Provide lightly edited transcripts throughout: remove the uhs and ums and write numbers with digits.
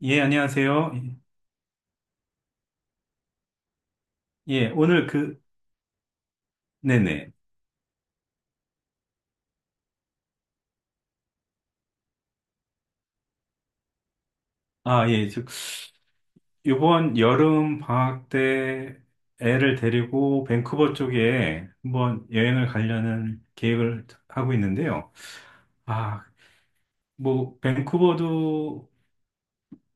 예, 안녕하세요. 예, 오늘 그, 네네. 아, 예, 즉, 이번 여름 방학 때 애를 데리고 밴쿠버 쪽에 한번 여행을 가려는 계획을 하고 있는데요. 아, 뭐, 밴쿠버도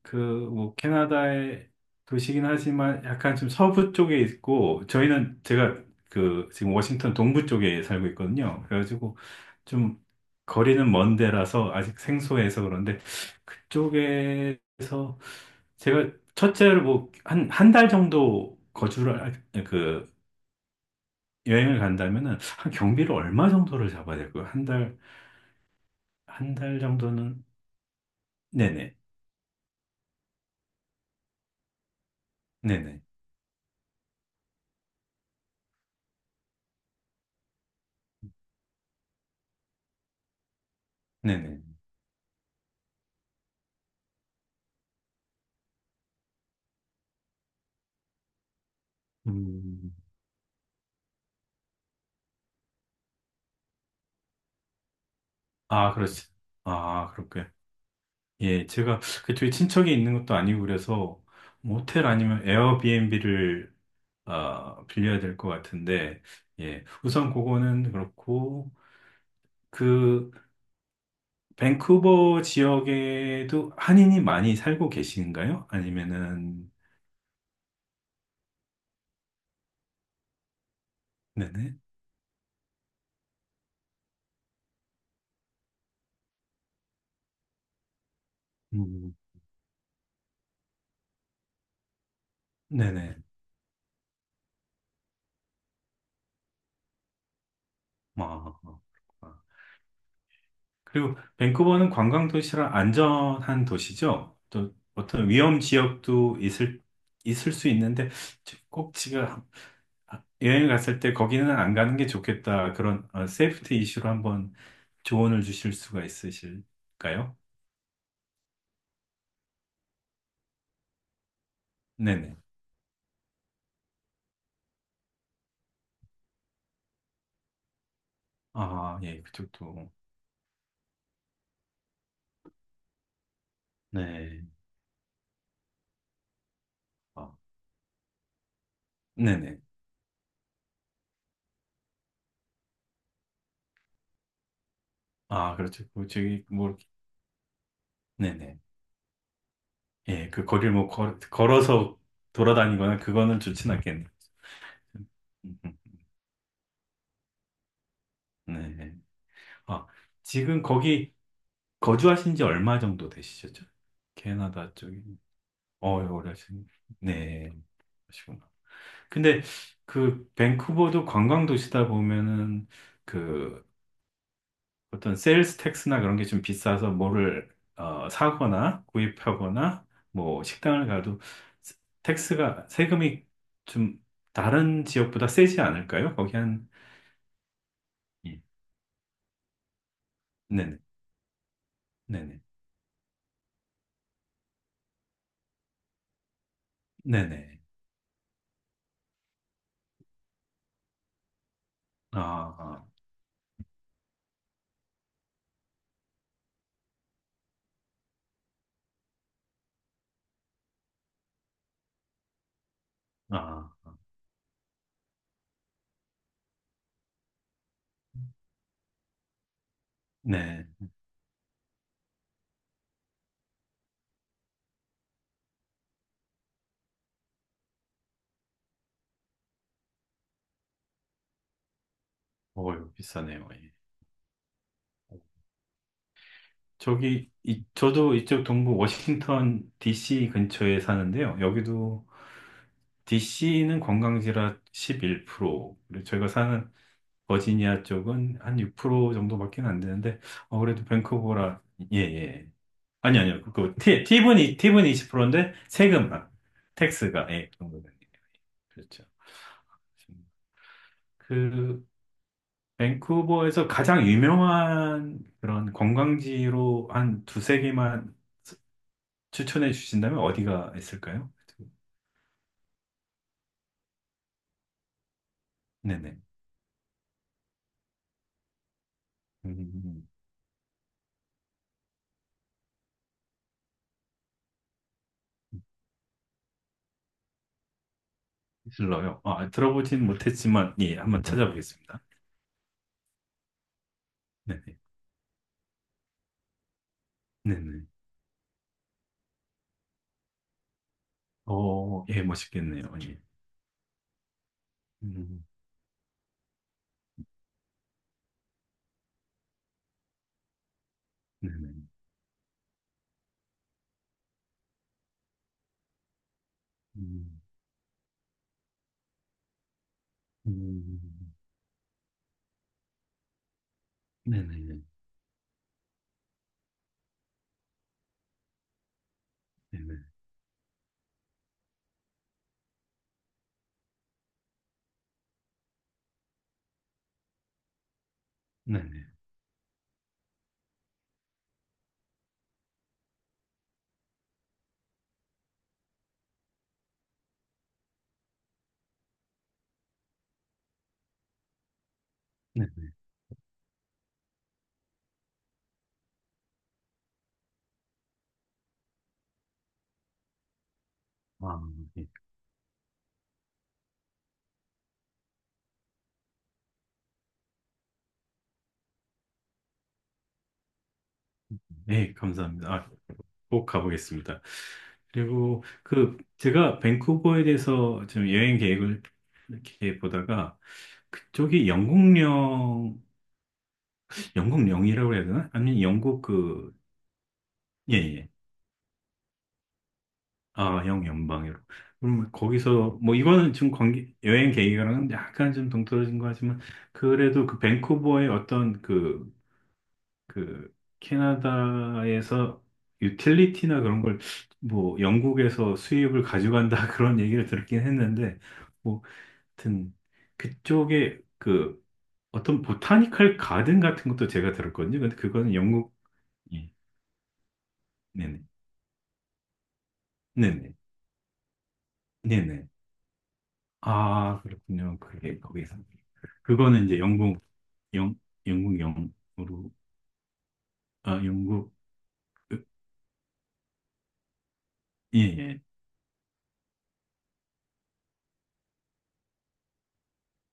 그, 뭐, 캐나다의 도시긴 하지만 약간 좀 서부 쪽에 있고, 저희는 제가 그, 지금 워싱턴 동부 쪽에 살고 있거든요. 그래가지고 좀 거리는 먼 데라서 아직 생소해서 그런데 그쪽에서 제가 첫째로 뭐, 한, 한 달 정도 거주를, 그, 여행을 간다면은 한 경비를 얼마 정도를 잡아야 될까요? 한 달 정도는? 네네, 네네, 네네. 음. 아, 그렇지. 아, 그렇게. 예, 제가 그쪽에 친척이 있는 것도 아니고 그래서 모텔 아니면 에어비앤비를 아, 빌려야 될 것 같은데, 예, 우선 그거는 그렇고, 그, 밴쿠버 지역에도 한인이 많이 살고 계신가요? 아니면은, 네네. 음. 네네. 아, 아. 그리고 밴쿠버는 관광 도시라 안전한 도시죠. 또 어떤 위험 지역도 있을 수 있는데 꼭 지금 여행 갔을 때 거기는 안 가는 게 좋겠다. 그런 세이프티 이슈로 한번 조언을 주실 수가 있으실까요? 네네. 아, 예, 그쪽도. 네. 아, 네네. 아, 그렇죠. 그 저기 뭐 네네. 예, 그 거리를 뭐 걸어서 돌아다니거나 그거는 좋진 않겠네요. 음, 음, 음. 네. 아, 지금 거기 거주하신 지 얼마 정도 되시죠? 캐나다 쪽에. 오래 하신. 네, 그러시구나. 근데 그 밴쿠버도 관광 도시다 보면은 그 어떤 세일스 텍스나 그런 게 좀 비싸서 뭐를 사거나 구입하거나 뭐 식당을 가도 세- 텍스가 세금이 좀 다른 지역보다 세지 않을까요? 거기 한 예. 네네 네네 네네 아 아, 아. 네. 어휴, 비싸네요. 예. 저기, 이, 저도 이쪽 동부 워싱턴 DC 근처에 사는데요. 여기도 DC는 관광지라 11%, 그리고 저희가 사는 버지니아 쪽은 한 6% 정도밖에 안 되는데, 그래도 밴쿠버라, 예, 예. 아니, 아니요. 그, 팁은 20%인데, 세금만, 텍스가, 예, 그 정도는. 그렇죠. 그, 밴쿠버에서 가장 유명한 그런 관광지로 한 두세 개만 추천해 주신다면 어디가 있을까요? 네네. 음, 슬러요. 아, 들어보진 못했지만, 예, 한번 찾아보겠습니다. 네네. 네네. 오, 예, 멋있겠네요. 예. 음, 네네. 음, 음, 네네. 네네. 네네. 네네. 아, 예. 예, 감사합니다. 아, 꼭 가보겠습니다. 그리고 그, 제가 밴쿠버에 대해서 좀 여행 계획을 이렇게 보다가, 그쪽이 영국령 영국 영이라고 해야 되나? 아니 면 영국 그 예, 예. 아, 영 연방으로. 그럼 뭐 거기서 뭐 이거는 좀 관계 여행 계획이랑은 약간 좀 동떨어진 거 하지만 그래도 그 밴쿠버의 어떤 그 캐나다에서 유틸리티나 그런 걸 뭐 영국에서 수입을 가져간다 그런 얘기를 들었긴 했는데 뭐 하여튼 그쪽에 그 어떤 보타니컬 가든 같은 것도 제가 들었거든요. 근데 그거는 영국 예. 네네. 네네. 네네. 아, 그렇군요. 그게 거기서. 그거는 이제 영국, 영, 영국 영으로, 아, 영국, 예, 예.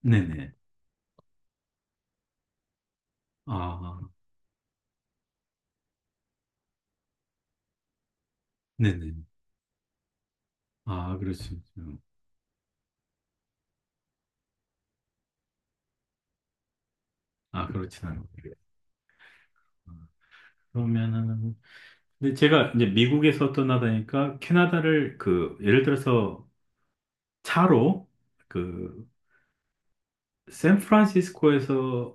네네. 아, 네네. 아, 그렇죠. 아, 그렇진 않아요. 아, 그러면은, 근데 제가 이제 미국에서 떠나다니까 캐나다를 그, 예를 들어서 차로 그, 샌프란시스코에서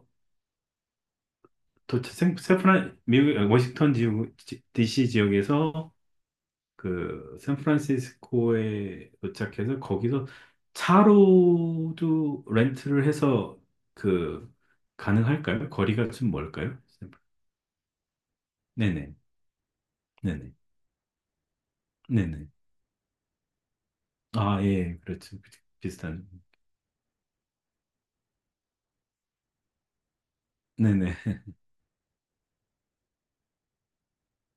도착, 미국, 워싱턴 지역, DC 지역에서 그 샌프란시스코에 도착해서 거기서 차로도 렌트를 해서 그 가능할까요? 거리가 좀 멀까요? 네네, 네네, 네네. 아, 예, 그렇죠. 비슷한. 네네.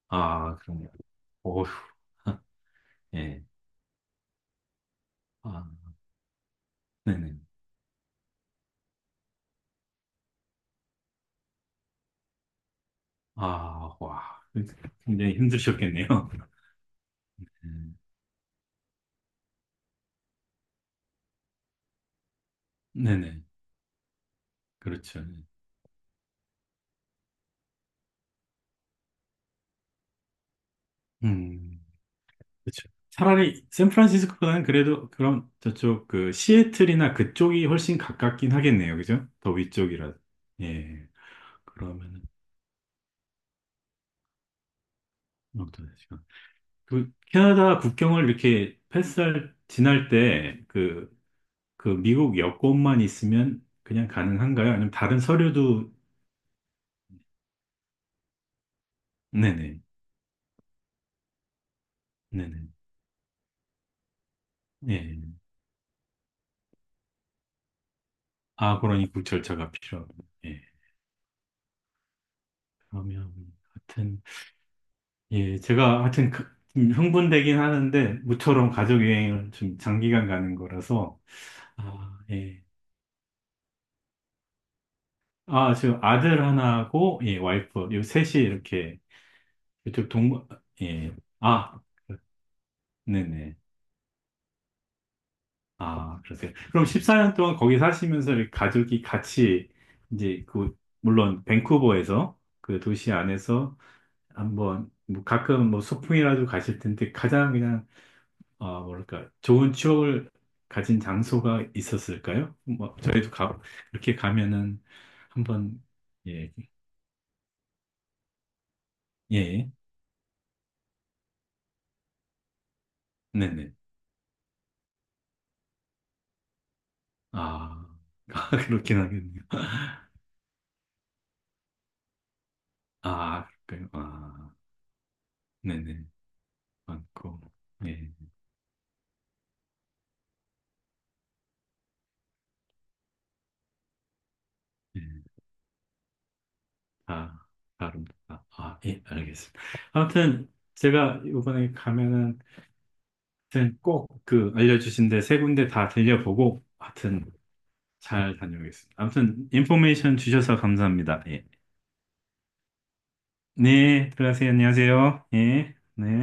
아, 그럼요. 어휴, 예. 아, 네네. 아, 와. 굉장히 힘드셨겠네요. 음, 네네. 그렇죠. 음. 그쵸. 차라리 샌프란시스코보다는 그래도 그럼 저쪽 그 시애틀이나 그쪽이 훨씬 가깝긴 하겠네요. 그죠? 더 위쪽이라. 예. 그러면은 어떤 시간. 그 캐나다 국경을 이렇게 패스할 지날 때 그 미국 여권만 있으면 그냥 가능한가요? 아니면 다른 서류도 네네. 네네. 예. 아, 그러니 국 절차가 필요하고. 예. 그러면 같은 예, 제가 하여튼 좀 흥분되긴 하는데, 모처럼 가족여행을 좀 장기간 가는 거라서, 아, 예. 아, 지금 아들 하나하고, 예, 와이프, 요 셋이 이렇게, 이쪽 동, 예. 아, 네네. 아, 그러세요. 그럼 14년 동안 거기 사시면서 이렇게 가족이 같이, 이제 그, 물론 밴쿠버에서, 그 도시 안에서 한번, 뭐 가끔 뭐 소풍이라도 가실 텐데, 가장 그냥 아, 뭐랄까, 좋은 추억을 가진 장소가 있었을까요? 뭐, 저희도 이렇게 가면은 한번, 예, 예, 네네. 아, 아, 그렇긴 하겠네요. 아, 그럴까요? 아, 네네. 많고, 예, 예, 다, 다릅니다. 아, 예, 알겠습니다. 아무튼, 제가 이번에 가면은, 아무튼 꼭 그 알려주신 데 세 군데 다 들려보고, 하여튼 잘 다녀오겠습니다. 아무튼, 인포메이션 주셔서 감사합니다. 예. 네, 들어가세요. 안녕하세요. 예, 네.